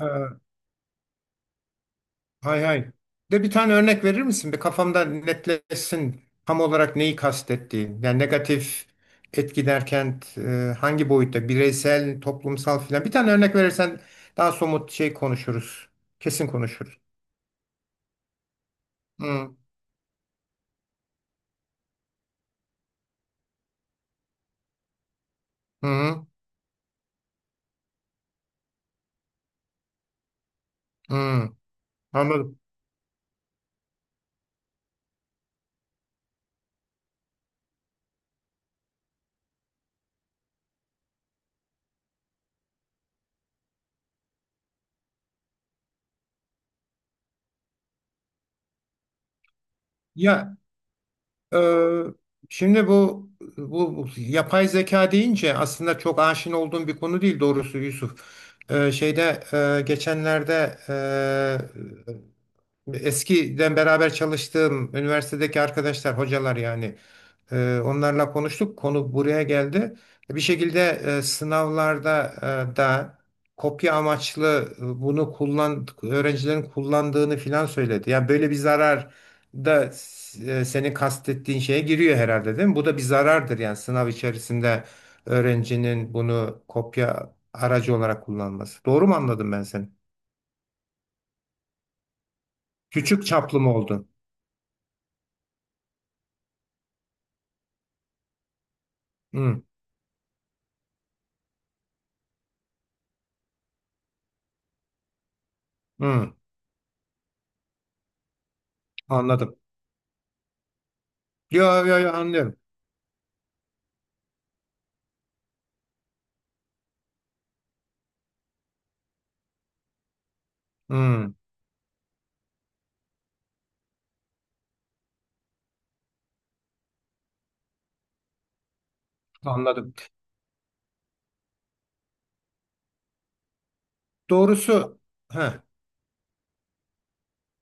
Ee, Hay hay. De bir tane örnek verir misin? Bir kafamda netleşsin tam olarak neyi kastettiğin. Yani negatif etki derken hangi boyutta? Bireysel, toplumsal filan. Bir tane örnek verirsen daha somut şey konuşuruz. Kesin konuşuruz. Hı, hı, hı. Anladım. Ya, e, şimdi bu yapay zeka deyince aslında çok aşina olduğum bir konu değil doğrusu Yusuf. Şeyde, geçenlerde, e, eskiden beraber çalıştığım üniversitedeki arkadaşlar, hocalar, yani onlarla konuştuk. Konu buraya geldi. Bir şekilde, sınavlarda da kopya amaçlı, e, bunu kullan öğrencilerin kullandığını filan söyledi. Yani böyle bir zarar da senin kastettiğin şeye giriyor herhalde, değil mi? Bu da bir zarardır, yani sınav içerisinde öğrencinin bunu kopya aracı olarak kullanması. Doğru mu anladım ben seni? Küçük çaplı mı oldu? Hı, hı. Anladım. Yo, yo, yo, anlıyorum. Hmm, anladım. Doğrusu, heh,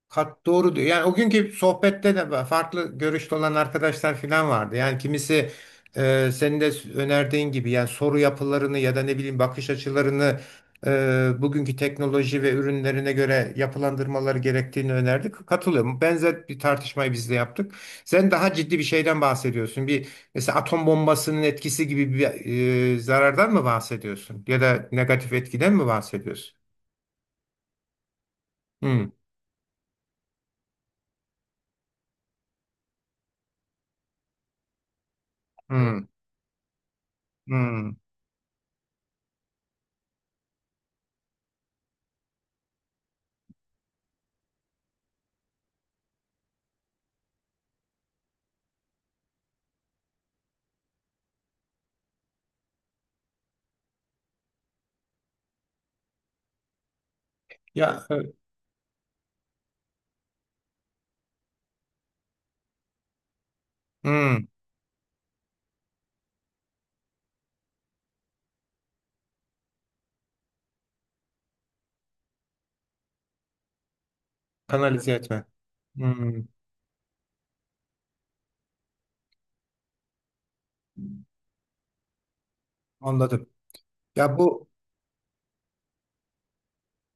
Kat doğru diyor. Yani o günkü sohbette de farklı görüşte olan arkadaşlar falan vardı. Yani kimisi, senin de önerdiğin gibi, yani soru yapılarını ya da ne bileyim bakış açılarını, bugünkü teknoloji ve ürünlerine göre yapılandırmaları gerektiğini önerdi. Katılıyorum. Benzer bir tartışmayı biz de yaptık. Sen daha ciddi bir şeyden bahsediyorsun. Mesela atom bombasının etkisi gibi bir zarardan mı bahsediyorsun? Ya da negatif etkiden mi bahsediyorsun? Hmm, hmm, hmm. Ya, hmm. Kanalize etme. Hmm, anladım. Ya bu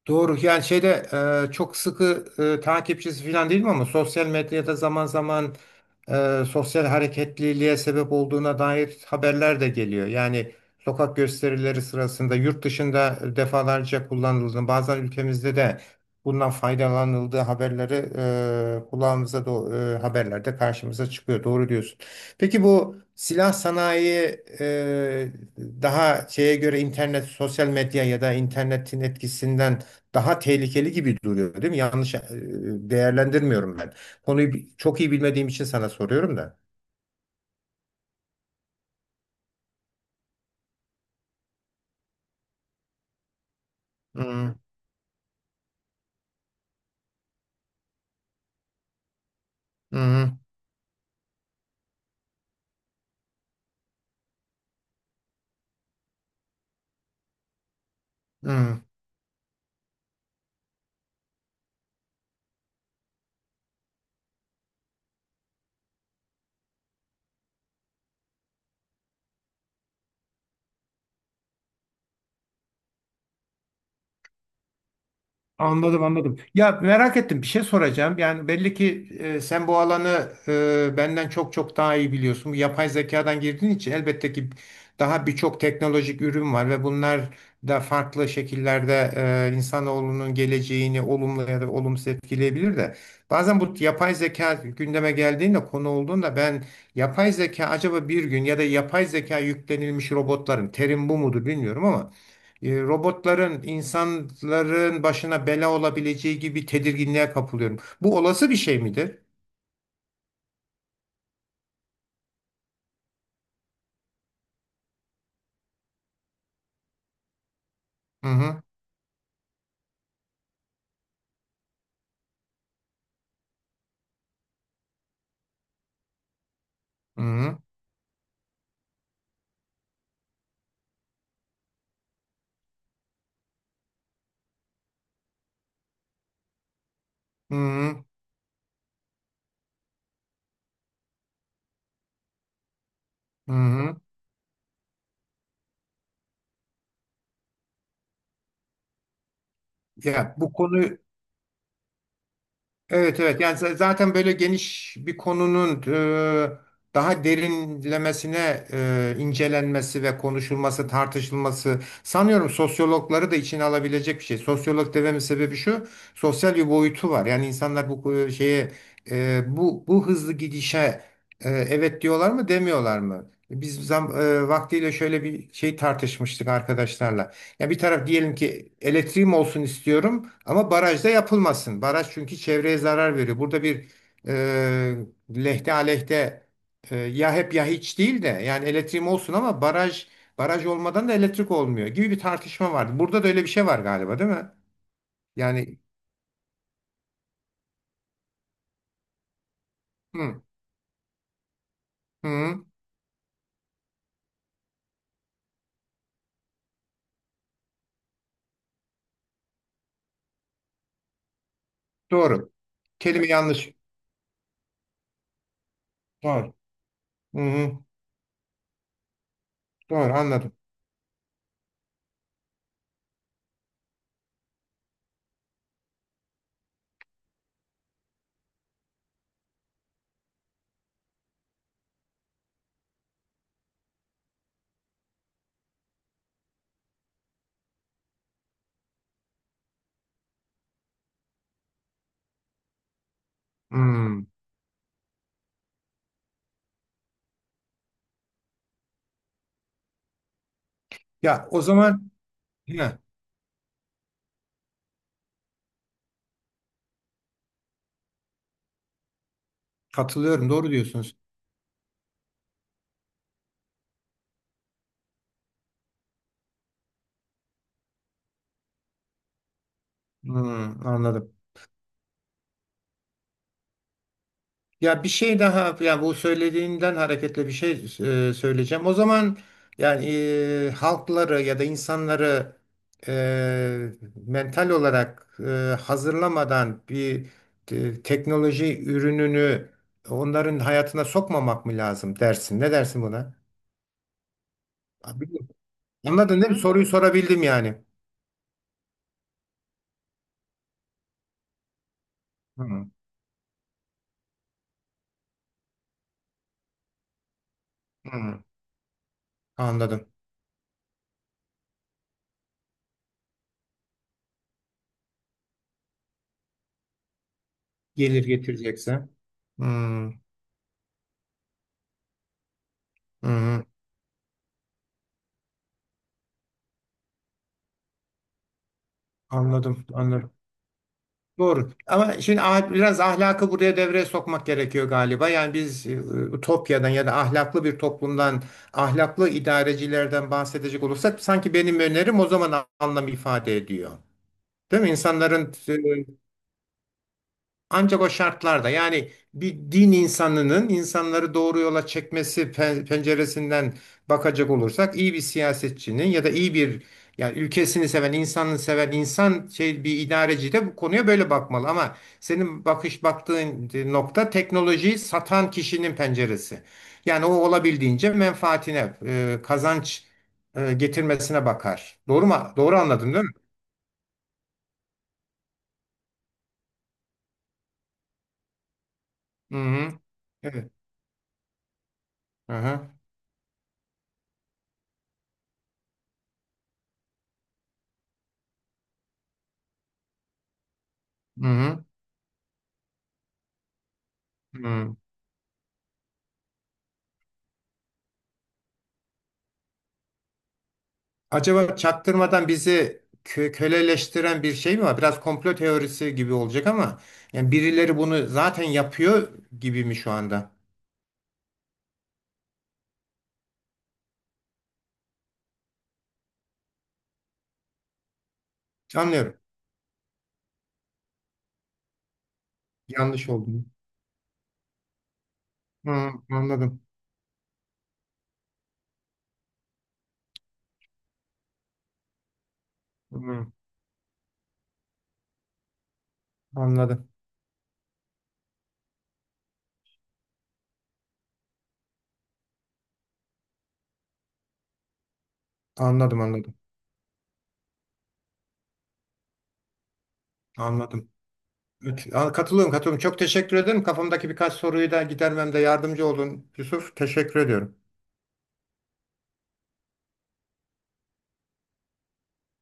Doğru, yani şeyde, çok sıkı takipçisi falan değilim ama sosyal medyada zaman zaman sosyal hareketliliğe sebep olduğuna dair haberler de geliyor. Yani sokak gösterileri sırasında yurt dışında defalarca kullanıldığını, bazen ülkemizde de bundan faydalanıldığı haberleri, haberlerde karşımıza çıkıyor. Doğru diyorsun. Peki bu silah sanayi, daha şeye göre, internet, sosyal medya ya da internetin etkisinden daha tehlikeli gibi duruyor, değil mi? Yanlış değerlendirmiyorum ben. Konuyu çok iyi bilmediğim için sana soruyorum da. Hı hı. Hı hı. Anladım, anladım. Ya merak ettim, bir şey soracağım. Yani belli ki sen bu alanı benden çok çok daha iyi biliyorsun. Bu yapay zekadan girdiğin için elbette ki daha birçok teknolojik ürün var ve bunlar da farklı şekillerde insanoğlunun geleceğini olumlu ya da olumsuz etkileyebilir de. Bazen bu yapay zeka gündeme geldiğinde, konu olduğunda, ben yapay zeka acaba bir gün ya da yapay zeka yüklenilmiş robotların, terim bu mudur bilmiyorum ama, robotların insanların başına bela olabileceği gibi tedirginliğe kapılıyorum. Bu olası bir şey midir? Hı hı. Hı hı. Hı hı. Hı hı. Ya bu konu Evet, evet, yani zaten böyle geniş bir konunun daha derinlemesine incelenmesi ve konuşulması, tartışılması sanıyorum sosyologları da içine alabilecek bir şey. Sosyolog dememin sebebi şu, sosyal bir boyutu var. Yani insanlar bu şeye, bu hızlı gidişe, evet diyorlar mı, demiyorlar mı? Biz vaktiyle şöyle bir şey tartışmıştık arkadaşlarla. Ya bir taraf diyelim ki elektriğim olsun istiyorum ama barajda yapılmasın. Baraj, çünkü çevreye zarar veriyor. Burada bir e, lehte aleyhte, ya hep ya hiç değil de, yani elektriğim olsun ama baraj olmadan da elektrik olmuyor gibi bir tartışma vardı. Burada da öyle bir şey var galiba, değil mi? Yani hı, hı, doğru. Kelime yanlış. Doğru. Hı, hı, doğru, anladım. Hı. Ya, o zaman. Hı, katılıyorum, doğru diyorsunuz. Hı, anladım. Ya bir şey daha, ya bu söylediğinden hareketle bir şey söyleyeceğim. O zaman, yani halkları ya da insanları mental olarak hazırlamadan bir teknoloji ürününü onların hayatına sokmamak mı lazım dersin? Ne dersin buna? Abi, anladın değil mi? Soruyu sorabildim yani. Hı, hı, anladım. Gelir getirecekse. Hı, hı, anladım, anladım. Doğru. Ama şimdi, biraz ahlakı buraya devreye sokmak gerekiyor galiba. Yani biz, Ütopya'dan ya da ahlaklı bir toplumdan, ahlaklı idarecilerden bahsedecek olursak sanki benim önerim o zaman anlam ifade ediyor. Değil mi? İnsanların ancak o şartlarda, yani bir din insanının insanları doğru yola çekmesi penceresinden bakacak olursak, iyi bir siyasetçinin ya da iyi bir, yani ülkesini seven, insanını seven insan, şey, bir idareci de bu konuya böyle bakmalı, ama senin baktığın nokta teknolojiyi satan kişinin penceresi. Yani o olabildiğince menfaatine, kazanç getirmesine bakar. Doğru mu? Doğru anladım, değil mi? Hı hı. Evet. Hı hı. Hı hı. Hı. Acaba çaktırmadan bizi köleleştiren bir şey mi var? Biraz komplo teorisi gibi olacak ama yani birileri bunu zaten yapıyor gibi mi şu anda? Anlıyorum. Yanlış olduğunu. Hı, anladım. Hı, anladım. Anladım, anladım. Anladım. Evet, katılıyorum, katılıyorum. Çok teşekkür ederim. Kafamdaki birkaç soruyu da gidermemde yardımcı oldun Yusuf. Teşekkür ediyorum.